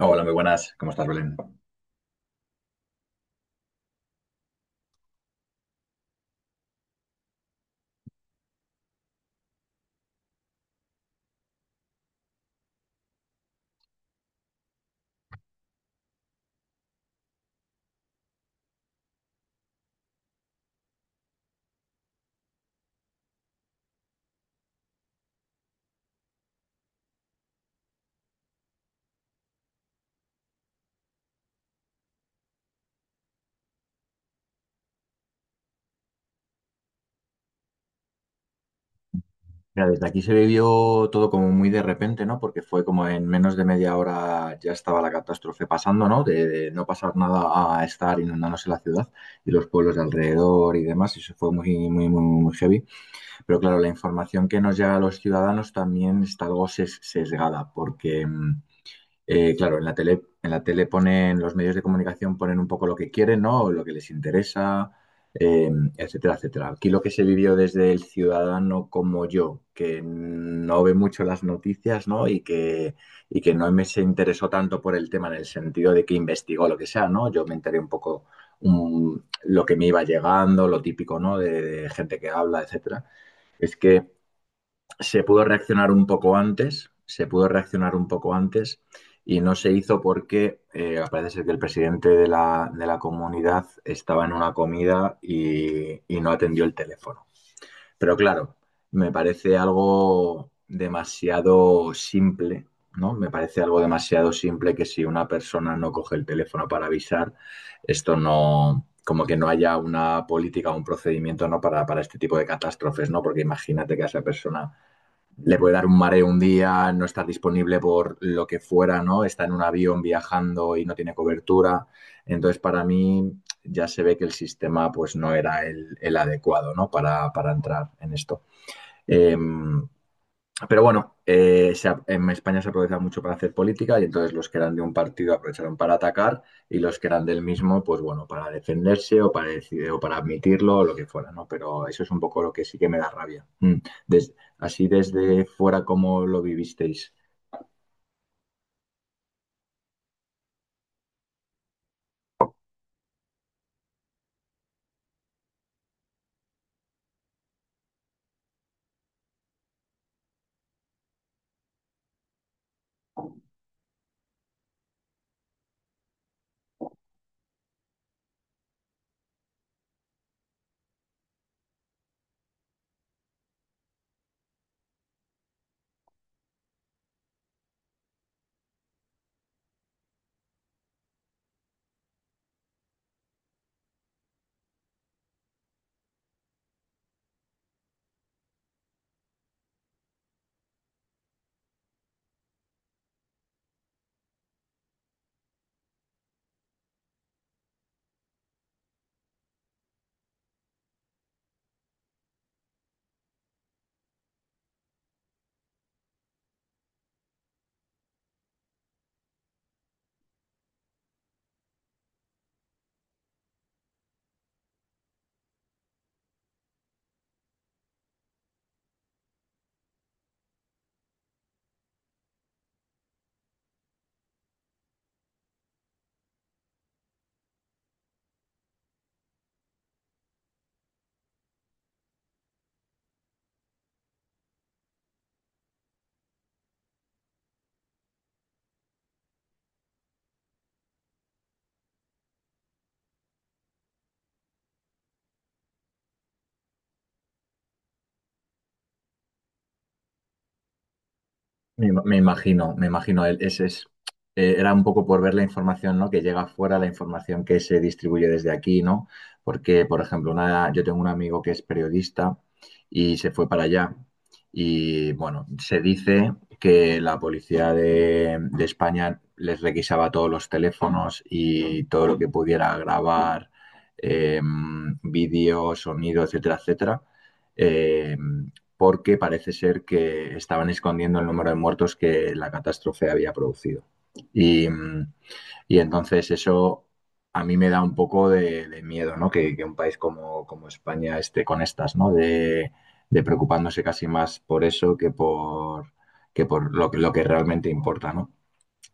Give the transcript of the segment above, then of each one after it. Hola, muy buenas. ¿Cómo estás, Belén? Mira, desde aquí se vivió todo como muy de repente, ¿no? Porque fue como en menos de media hora ya estaba la catástrofe pasando, ¿no? De no pasar nada a estar inundándose la ciudad y los pueblos de alrededor y demás. Y eso fue muy, muy, muy, muy heavy. Pero claro, la información que nos llega a los ciudadanos también está algo sesgada, porque claro, en la tele ponen, los medios de comunicación ponen un poco lo que quieren, ¿no? O lo que les interesa, eh, etcétera, etcétera. Aquí lo que se vivió desde el ciudadano como yo, que no ve mucho las noticias, ¿no? Y que no me se interesó tanto por el tema en el sentido de que investigó lo que sea, ¿no? Yo me enteré un poco um, lo que me iba llegando, lo típico, ¿no? De gente que habla, etcétera. Es que se pudo reaccionar un poco antes, se pudo reaccionar un poco antes y no se hizo porque parece ser que el presidente de la comunidad estaba en una comida y, no atendió el teléfono. Pero claro, me parece algo demasiado simple, ¿no? Me parece algo demasiado simple que si una persona no coge el teléfono para avisar, esto no, como que no haya una política o un procedimiento, ¿no? Para este tipo de catástrofes, ¿no? Porque imagínate que a esa persona le puede dar un mareo un día, no estar disponible por lo que fuera, ¿no? Está en un avión viajando y no tiene cobertura. Entonces, para mí ya se ve que el sistema pues no era el adecuado, ¿no? Para entrar en esto. Eh, pero bueno, en España se aprovechaba mucho para hacer política y entonces los que eran de un partido aprovecharon para atacar y los que eran del mismo, pues bueno, para defenderse o o para admitirlo o lo que fuera, ¿no? Pero eso es un poco lo que sí que me da rabia. Mm. Así desde fuera, ¿cómo lo vivisteis? Me imagino. Ese es, era un poco por ver la información, ¿no? Que llega fuera, la información que se distribuye desde aquí, ¿no? Porque, por ejemplo, yo tengo un amigo que es periodista y se fue para allá. Y bueno, se dice que la policía de España les requisaba todos los teléfonos y todo lo que pudiera grabar, vídeo, sonido, etcétera, etcétera. em, porque parece ser que estaban escondiendo el número de muertos que la catástrofe había producido. Y, y entonces eso a mí me da un poco de, miedo, ¿no? Que un país como, España esté con estas, ¿no? De preocupándose casi más por eso que por, lo que realmente importa, ¿no?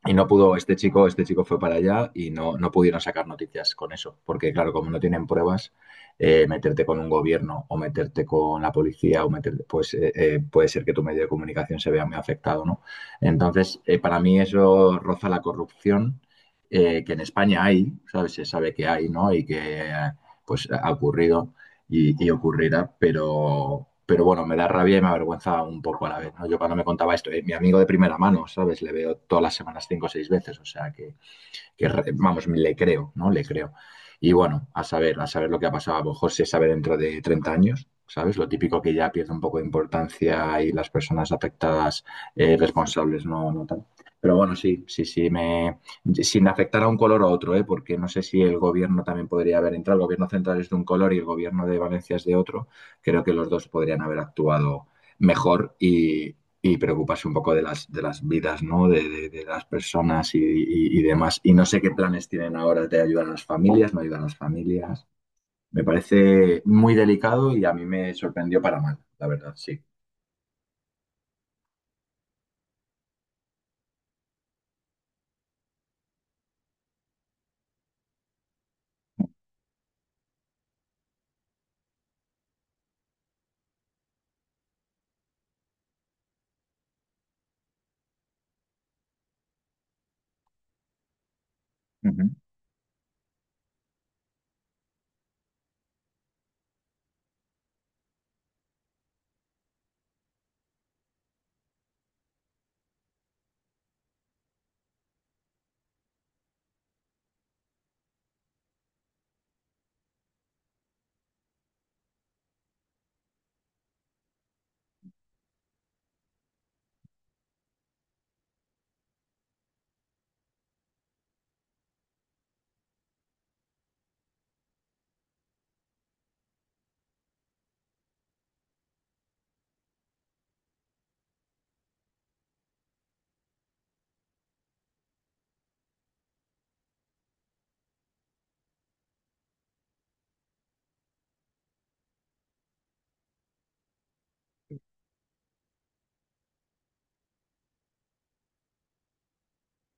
Y no pudo, este chico fue para allá y no pudieron sacar noticias con eso, porque claro, como no tienen pruebas, meterte con un gobierno o meterte con la policía o meterte, pues puede ser que tu medio de comunicación se vea muy afectado, ¿no? Entonces, para mí eso roza la corrupción que en España hay, ¿sabes? Se sabe que hay, ¿no? Y que pues ha ocurrido y, ocurrirá, pero, bueno, me da rabia y me avergüenza un poco a la vez, ¿no? Yo cuando me contaba esto, mi amigo de primera mano, ¿sabes? Le veo todas las semanas 5 o 6 veces, o sea que que vamos, le creo, ¿no? Le creo. Y bueno, a saber lo que ha pasado. A lo mejor se sabe dentro de 30 años, ¿sabes? Lo típico que ya pierde un poco de importancia y las personas afectadas responsables no, no tal. Pero bueno, sí, sí, sí, sin afectar a un color o a otro, ¿eh? Porque no sé si el gobierno también podría haber entrado. El gobierno central es de un color y el gobierno de Valencia es de otro. Creo que los dos podrían haber actuado mejor y, preocuparse un poco de las, vidas, ¿no? De las personas y, demás. Y no sé qué planes tienen ahora de ayudar a las familias, no ayudar a las familias. Me parece muy delicado y a mí me sorprendió para mal, la verdad, sí. Ujú.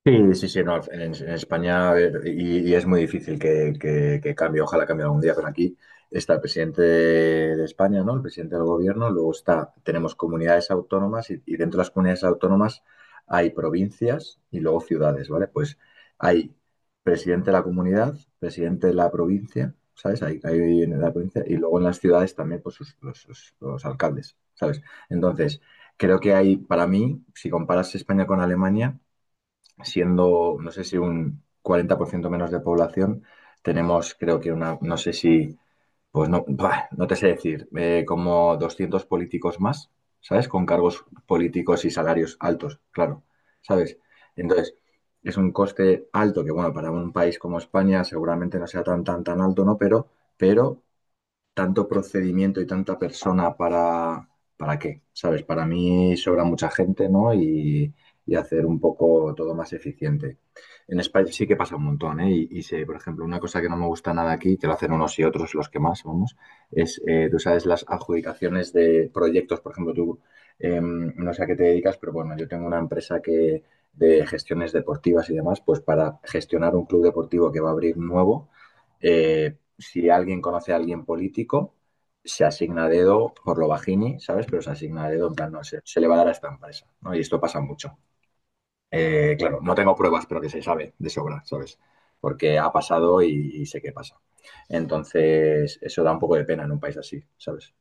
Sí, sí, sí, no, en España a ver, y es muy difícil que cambie, ojalá cambie algún día, pero aquí está el presidente de España, ¿no? El presidente del gobierno, luego está, tenemos comunidades autónomas y, dentro de las comunidades autónomas hay provincias y luego ciudades, ¿vale? Pues hay presidente de la comunidad, presidente de la provincia, ¿sabes? Hay en la provincia y luego en las ciudades también pues los alcaldes, ¿sabes? Entonces, creo que hay, para mí, si comparas España con Alemania, siendo, no sé si un 40% menos de población, tenemos creo que una, no sé si, pues no, buah, no te sé decir, como 200 políticos más, ¿sabes? Con cargos políticos y salarios altos, claro, ¿sabes? Entonces, es un coste alto que, bueno, para un país como España seguramente no sea tan, tan, tan alto, ¿no? Pero tanto procedimiento y tanta persona ¿para qué? ¿Sabes? Para mí sobra mucha gente, ¿no? Y hacer un poco todo más eficiente. En España sí que pasa un montón, ¿eh? Y sé, por ejemplo, una cosa que no me gusta nada aquí, que lo hacen unos y otros, los que más, vamos, es, tú sabes, las adjudicaciones de proyectos. Por ejemplo, tú, no sé a qué te dedicas, pero bueno, yo tengo una empresa que de gestiones deportivas y demás, pues para gestionar un club deportivo que va a abrir nuevo, eh, si alguien conoce a alguien político, se asigna dedo por lo bajini, ¿sabes? Pero se asigna dedo en plan, no, se le va a dar a esta empresa, ¿no? Y esto pasa mucho. Claro, no tengo pruebas, pero que se sabe de sobra, ¿sabes? Porque ha pasado y, sé qué pasa. Entonces, eso da un poco de pena en un país así, ¿sabes?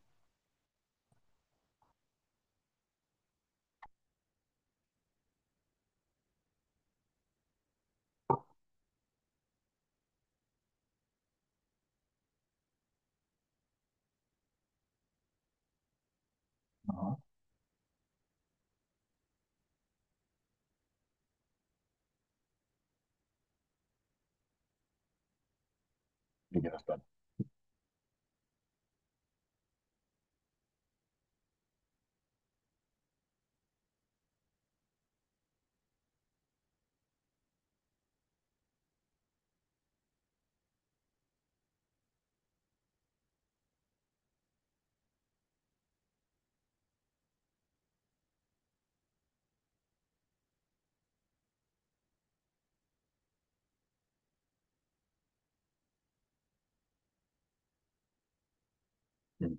Ajá. Y quedas tan- Mm.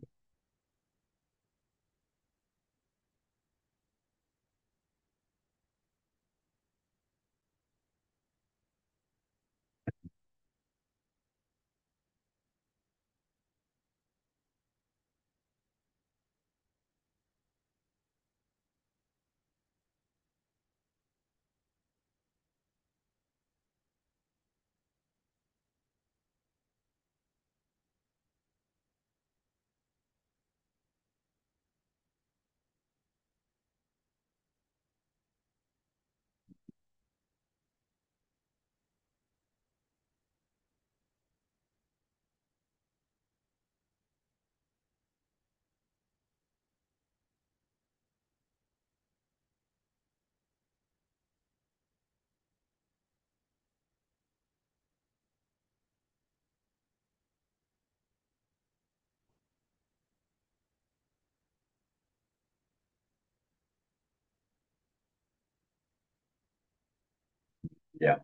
Ya.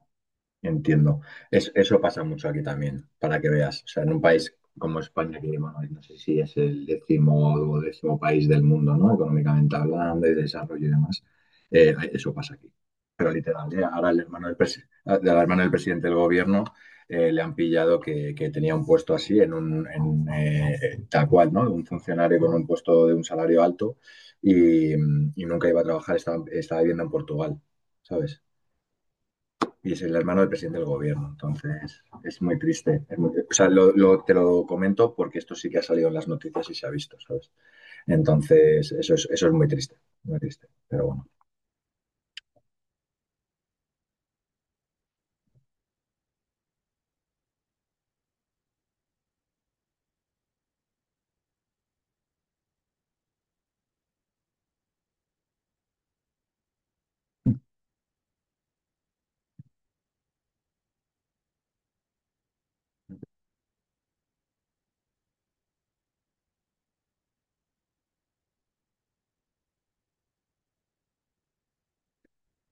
Entiendo. Eso pasa mucho aquí también, para que veas. O sea, en un país como España, que bueno, no sé si es el décimo o décimo país del mundo, ¿no? Económicamente hablando, y de desarrollo y demás, eso pasa aquí. Pero literal, ¿eh? Ahora el hermano del, presi- al hermano del presidente del gobierno le han pillado que, tenía un puesto así, en un, tal cual, ¿no? Un funcionario con un puesto de un salario alto y nunca iba a trabajar, estaba viviendo en Portugal, ¿sabes? Y es el hermano del presidente del gobierno. Entonces, es muy triste. O sea, te lo comento porque esto sí que ha salido en las noticias y se ha visto, ¿sabes? Entonces, eso es muy triste, muy triste. Pero bueno,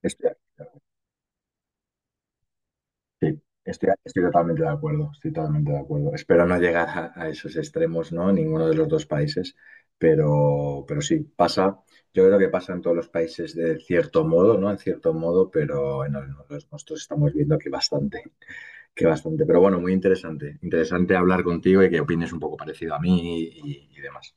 estoy, sí, estoy totalmente de acuerdo, estoy totalmente de acuerdo. Espero no llegar a esos extremos, ¿no? Ninguno de los dos países, pero, sí, pasa. Yo creo que pasa en todos los países de cierto modo, ¿no? En cierto modo, pero en los nuestros estamos viendo que bastante. Que bastante, pero bueno, muy interesante. Interesante hablar contigo y que opines un poco parecido a mí y, demás.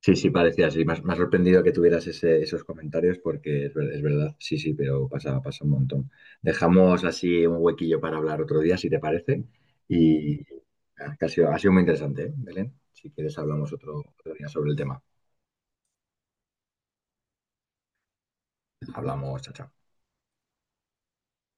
Sí, sí, parecía así. Me ha sorprendido que tuvieras esos comentarios porque es verdad, sí, sí, pero pasa, pasa un montón. Dejamos así un huequillo para hablar otro día, si te parece. Y que ha sido muy interesante, ¿eh, Belén? Si quieres, hablamos otro día sobre el tema. Hablamos, chao, chao.